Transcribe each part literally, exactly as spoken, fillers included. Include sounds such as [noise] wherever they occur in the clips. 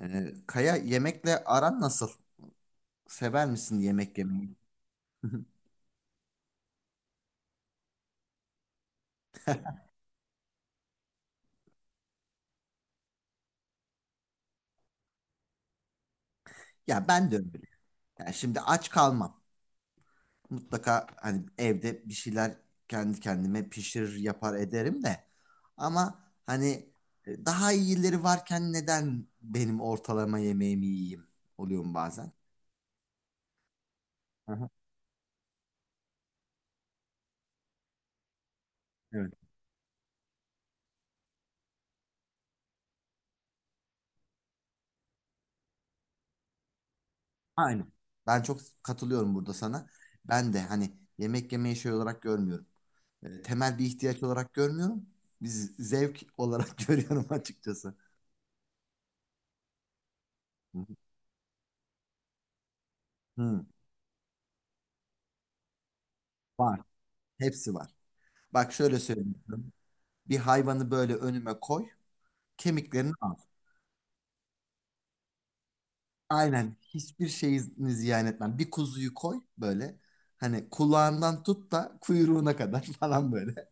Ee, Kaya yemekle aran nasıl? Sever misin yemek yemeyi? [laughs] Ya ben de öyle. Yani şimdi aç kalmam. Mutlaka hani evde bir şeyler kendi kendime pişirir yapar ederim de. Ama hani e, daha iyileri varken neden benim ortalama yemeğimi yiyeyim? Oluyor mu bazen? Aha, evet. Aynen. Ben çok katılıyorum burada sana. Ben de hani yemek yemeyi şey olarak görmüyorum. E, temel bir ihtiyaç olarak görmüyorum. Biz zevk olarak [laughs] görüyorum açıkçası. Hı hı. Hı, var. Hepsi var. Bak şöyle söyleyeyim. Bir hayvanı böyle önüme koy, kemiklerini al. Aynen. Hiçbir şeyini ziyan etmem. Bir kuzuyu koy böyle. Hani kulağından tut da kuyruğuna kadar [laughs] falan böyle.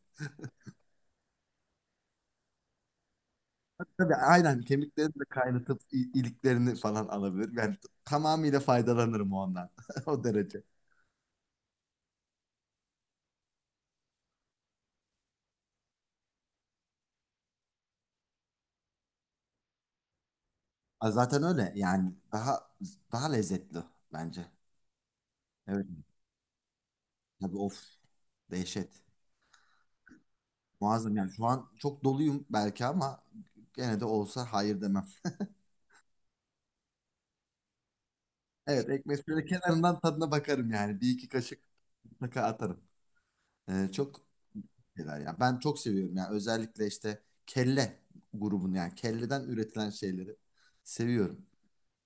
Tabii aynen kemiklerini de kaynatıp i- iliklerini falan alabilir. Yani t- tamamıyla faydalanırım ondan. [laughs] O derece. Aa, zaten öyle yani daha daha lezzetli bence. Evet, tabii, of, dehşet. Muazzam yani şu an çok doluyum belki ama gene de olsa hayır demem. [laughs] Evet, ekmek şöyle kenarından tadına bakarım yani. Bir iki kaşık mutlaka atarım. Ee, çok şeyler yani ben çok seviyorum yani özellikle işte kelle grubunu, yani kelleden üretilen şeyleri seviyorum.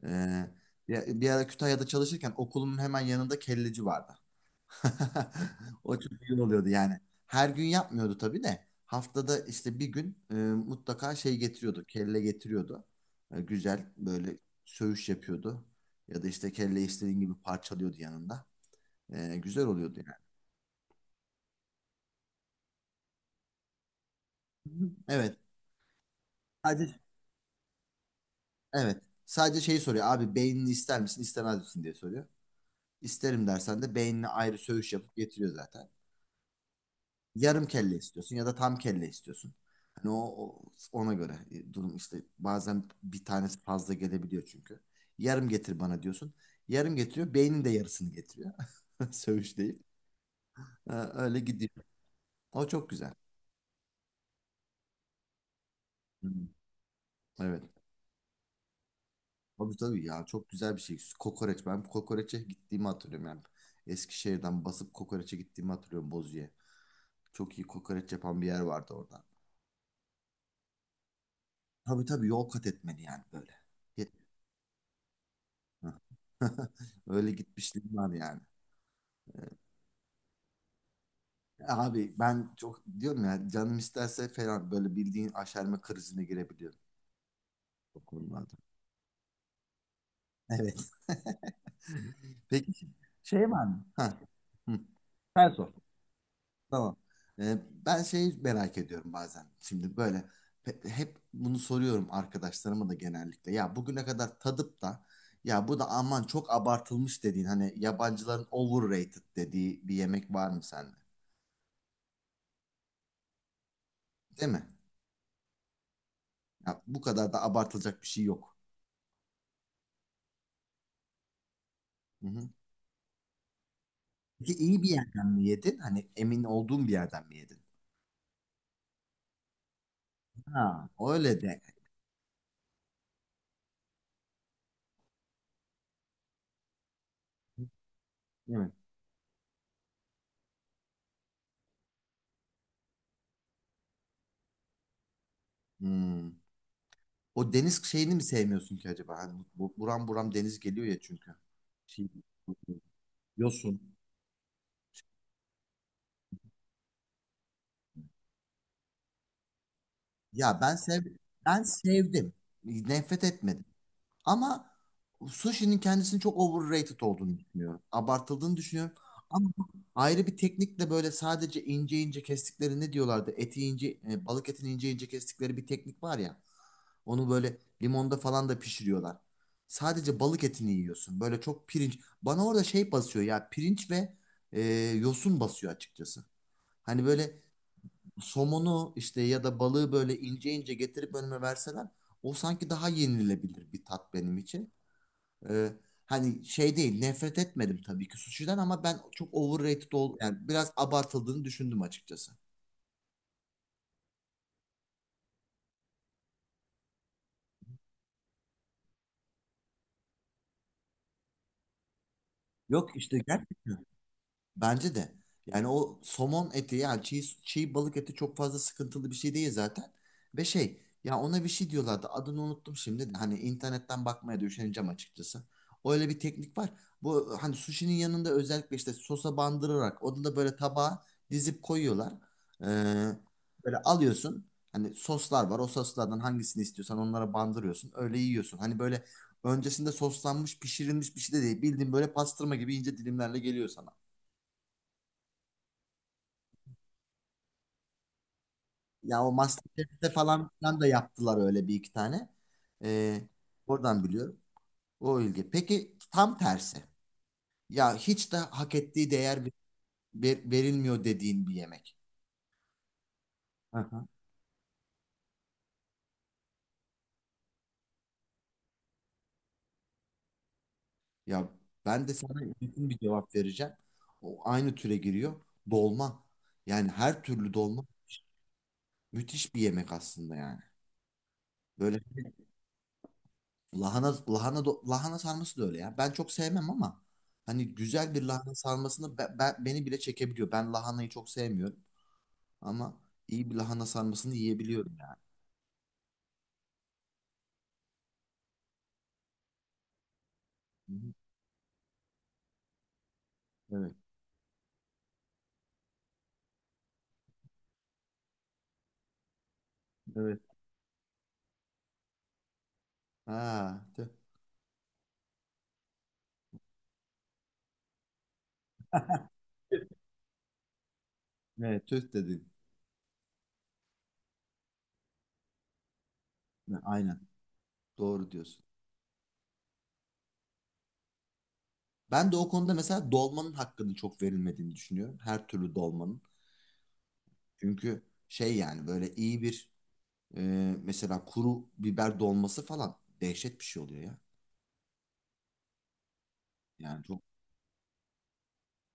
Ee, bir, bir ara Kütahya'da çalışırken okulumun hemen yanında kelleci vardı. [laughs] O çok iyi oluyordu yani. Her gün yapmıyordu tabii de. Haftada işte bir gün e, mutlaka şey getiriyordu. Kelle getiriyordu. E, güzel böyle söğüş yapıyordu. Ya da işte kelle istediğin gibi parçalıyordu yanında. E, güzel oluyordu yani. Hı hı. Evet. Sadece evet. Sadece şeyi soruyor. Abi, beynini ister misin, istemez misin diye soruyor. İsterim dersen de beynini ayrı söğüş yapıp getiriyor zaten. Yarım kelle istiyorsun ya da tam kelle istiyorsun. Hani o, o- ona göre e, durum işte bazen bir tanesi fazla gelebiliyor çünkü. Yarım getir bana diyorsun. Yarım getiriyor. Beynin de yarısını getiriyor. [laughs] Söğüş değil. Ee, öyle gidiyor. O çok güzel. Hı, evet. Tabii tabii ya, çok güzel bir şey. Kokoreç. Ben kokoreçe gittiğimi hatırlıyorum yani. Eskişehir'den basıp kokoreçe gittiğimi hatırlıyorum Bozu'ya. Çok iyi kokoreç yapan bir yer vardı orada. Tabii tabii, yol kat etmeli yani böyle. [laughs] Öyle gitmişliğim var yani. Abi, ben çok diyorum ya, canım isterse falan böyle bildiğin aşerme krizine girebiliyorum o konularda. Evet. [laughs] Peki şey var mı? Ha. Hı. Sen sor. Tamam. Ee, ben şeyi merak ediyorum bazen. Şimdi böyle pe- hep bunu soruyorum arkadaşlarıma da genellikle. Ya, bugüne kadar tadıp da ya bu da aman çok abartılmış dediğin, hani yabancıların overrated dediği bir yemek var mı sende? Değil mi? Ya, bu kadar da abartılacak bir şey yok. Hı hı. Peki iyi bir yerden mi yedin? Hani emin olduğun bir yerden mi yedin? Ha, öyle de. Değil mi? Hmm. O deniz şeyini mi sevmiyorsun ki acaba? Hani bu, buram buram deniz geliyor ya çünkü. Şey, yosun. Ya ben sev Ben sevdim. Nefret etmedim. Ama sushi'nin kendisini çok overrated olduğunu düşünüyorum. Abartıldığını düşünüyorum. Ama ayrı bir teknikle böyle sadece ince ince kestikleri ne diyorlardı? Eti ince, e, balık etini ince ince kestikleri bir teknik var ya. Onu böyle limonda falan da pişiriyorlar. Sadece balık etini yiyorsun. Böyle çok pirinç. Bana orada şey basıyor ya, pirinç ve e, yosun basıyor açıkçası. Hani böyle somonu işte ya da balığı böyle ince ince getirip önüme verseler, o sanki daha yenilebilir bir tat benim için. Ee, hani şey değil, nefret etmedim tabii ki suşiden, ama ben çok overrated ol yani biraz abartıldığını düşündüm açıkçası. Yok işte. Bence de. Yani o somon eti yani çiğ, çiğ balık eti çok fazla sıkıntılı bir şey değil zaten. Ve şey ya, ona bir şey diyorlardı, adını unuttum şimdi de. Hani internetten bakmaya da üşeneceğim açıkçası. Öyle bir teknik var. Bu hani sushi'nin yanında özellikle işte sosa bandırarak onu da böyle tabağa dizip koyuyorlar. Ee, böyle alıyorsun. Hani soslar var. O soslardan hangisini istiyorsan onlara bandırıyorsun. Öyle yiyorsun. Hani böyle öncesinde soslanmış, pişirilmiş bir şey de değil. Bildiğin böyle pastırma gibi ince dilimlerle geliyor sana. Ya o MasterChef'te falan filan da yaptılar öyle bir iki tane. Ee, oradan biliyorum. O ilgi. Peki tam tersi. Ya hiç de hak ettiği değer ve- ve- verilmiyor dediğin bir yemek. Hı hı. Ya ben de sana yakın bir cevap vereceğim. O aynı türe giriyor. Dolma. Yani her türlü dolma müthiş bir yemek aslında yani. Böyle lahana lahana do- lahana sarması da öyle ya. Ben çok sevmem ama hani güzel bir lahana sarmasını be- be- beni bile çekebiliyor. Ben lahanayı çok sevmiyorum. Ama iyi bir lahana sarmasını yiyebiliyorum yani. Hı hı. Evet. Evet. Ha, tüh. Evet, tüh dedin. Ha, aynen. Doğru diyorsun. Ben de o konuda mesela dolmanın hakkının çok verilmediğini düşünüyorum. Her türlü dolmanın. Çünkü şey yani böyle iyi bir e, mesela kuru biber dolması falan dehşet bir şey oluyor ya. Yani çok,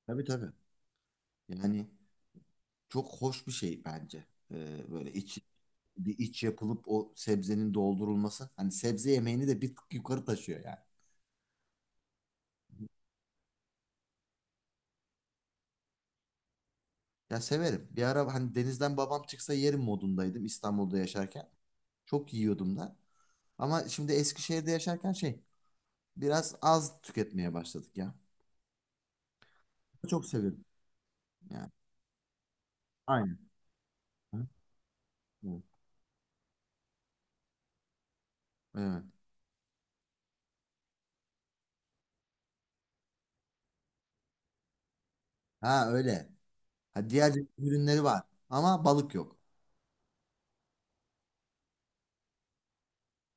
tabii tabii. Yani çok hoş bir şey bence. E, böyle iç bir iç yapılıp o sebzenin doldurulması. Hani sebze yemeğini de bir tık yukarı taşıyor yani. Ya severim. Bir ara hani denizden babam çıksa yerim modundaydım İstanbul'da yaşarken. Çok yiyordum da. Ama şimdi Eskişehir'de yaşarken şey biraz az tüketmeye başladık ya. Çok severim yani. Aynen. Ha, evet. Evet. Ha öyle. Ha, diğer ürünleri var ama balık yok.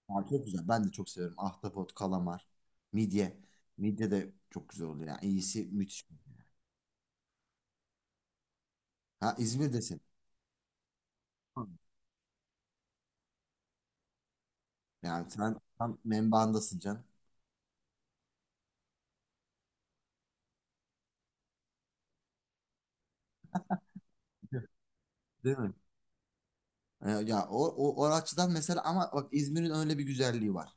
Ha, çok güzel. Ben de çok severim. Ahtapot, kalamar, midye. Midye de çok güzel oluyor. Yani iyisi müthiş. Ha, İzmir'desin. Hı. Yani sen tam menbaındasın can. Değil mi? E, Ya o, o, o açıdan mesela, ama bak, İzmir'in öyle bir güzelliği var.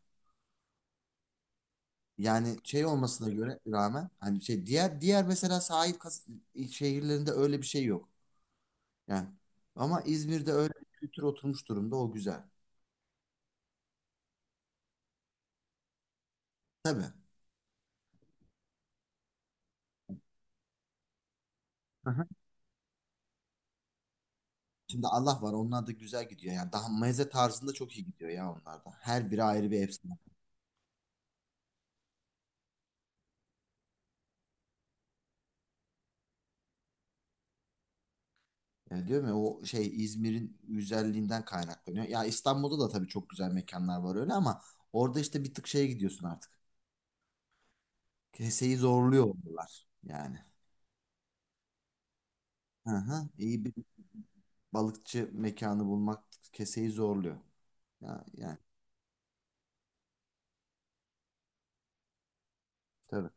Yani şey olmasına göre rağmen hani şey diğer diğer mesela sahil kas- şehirlerinde öyle bir şey yok. Yani ama İzmir'de öyle bir kültür oturmuş durumda, o güzel. Tabii. Hı-hı. Şimdi Allah var, onlar da güzel gidiyor. Yani daha meze tarzında çok iyi gidiyor ya onlar da. Her biri ayrı bir efsane. Yani diyorum ya, o şey İzmir'in güzelliğinden kaynaklanıyor. Ya İstanbul'da da tabii çok güzel mekanlar var öyle, ama orada işte bir tık şeye gidiyorsun artık. Keseyi zorluyor onlar yani. Hı hı. İyi bir balıkçı mekanı bulmak keseyi zorluyor. Ya, yani tabii.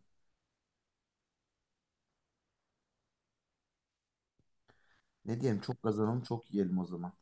Ne diyelim, çok kazanalım çok yiyelim o zaman.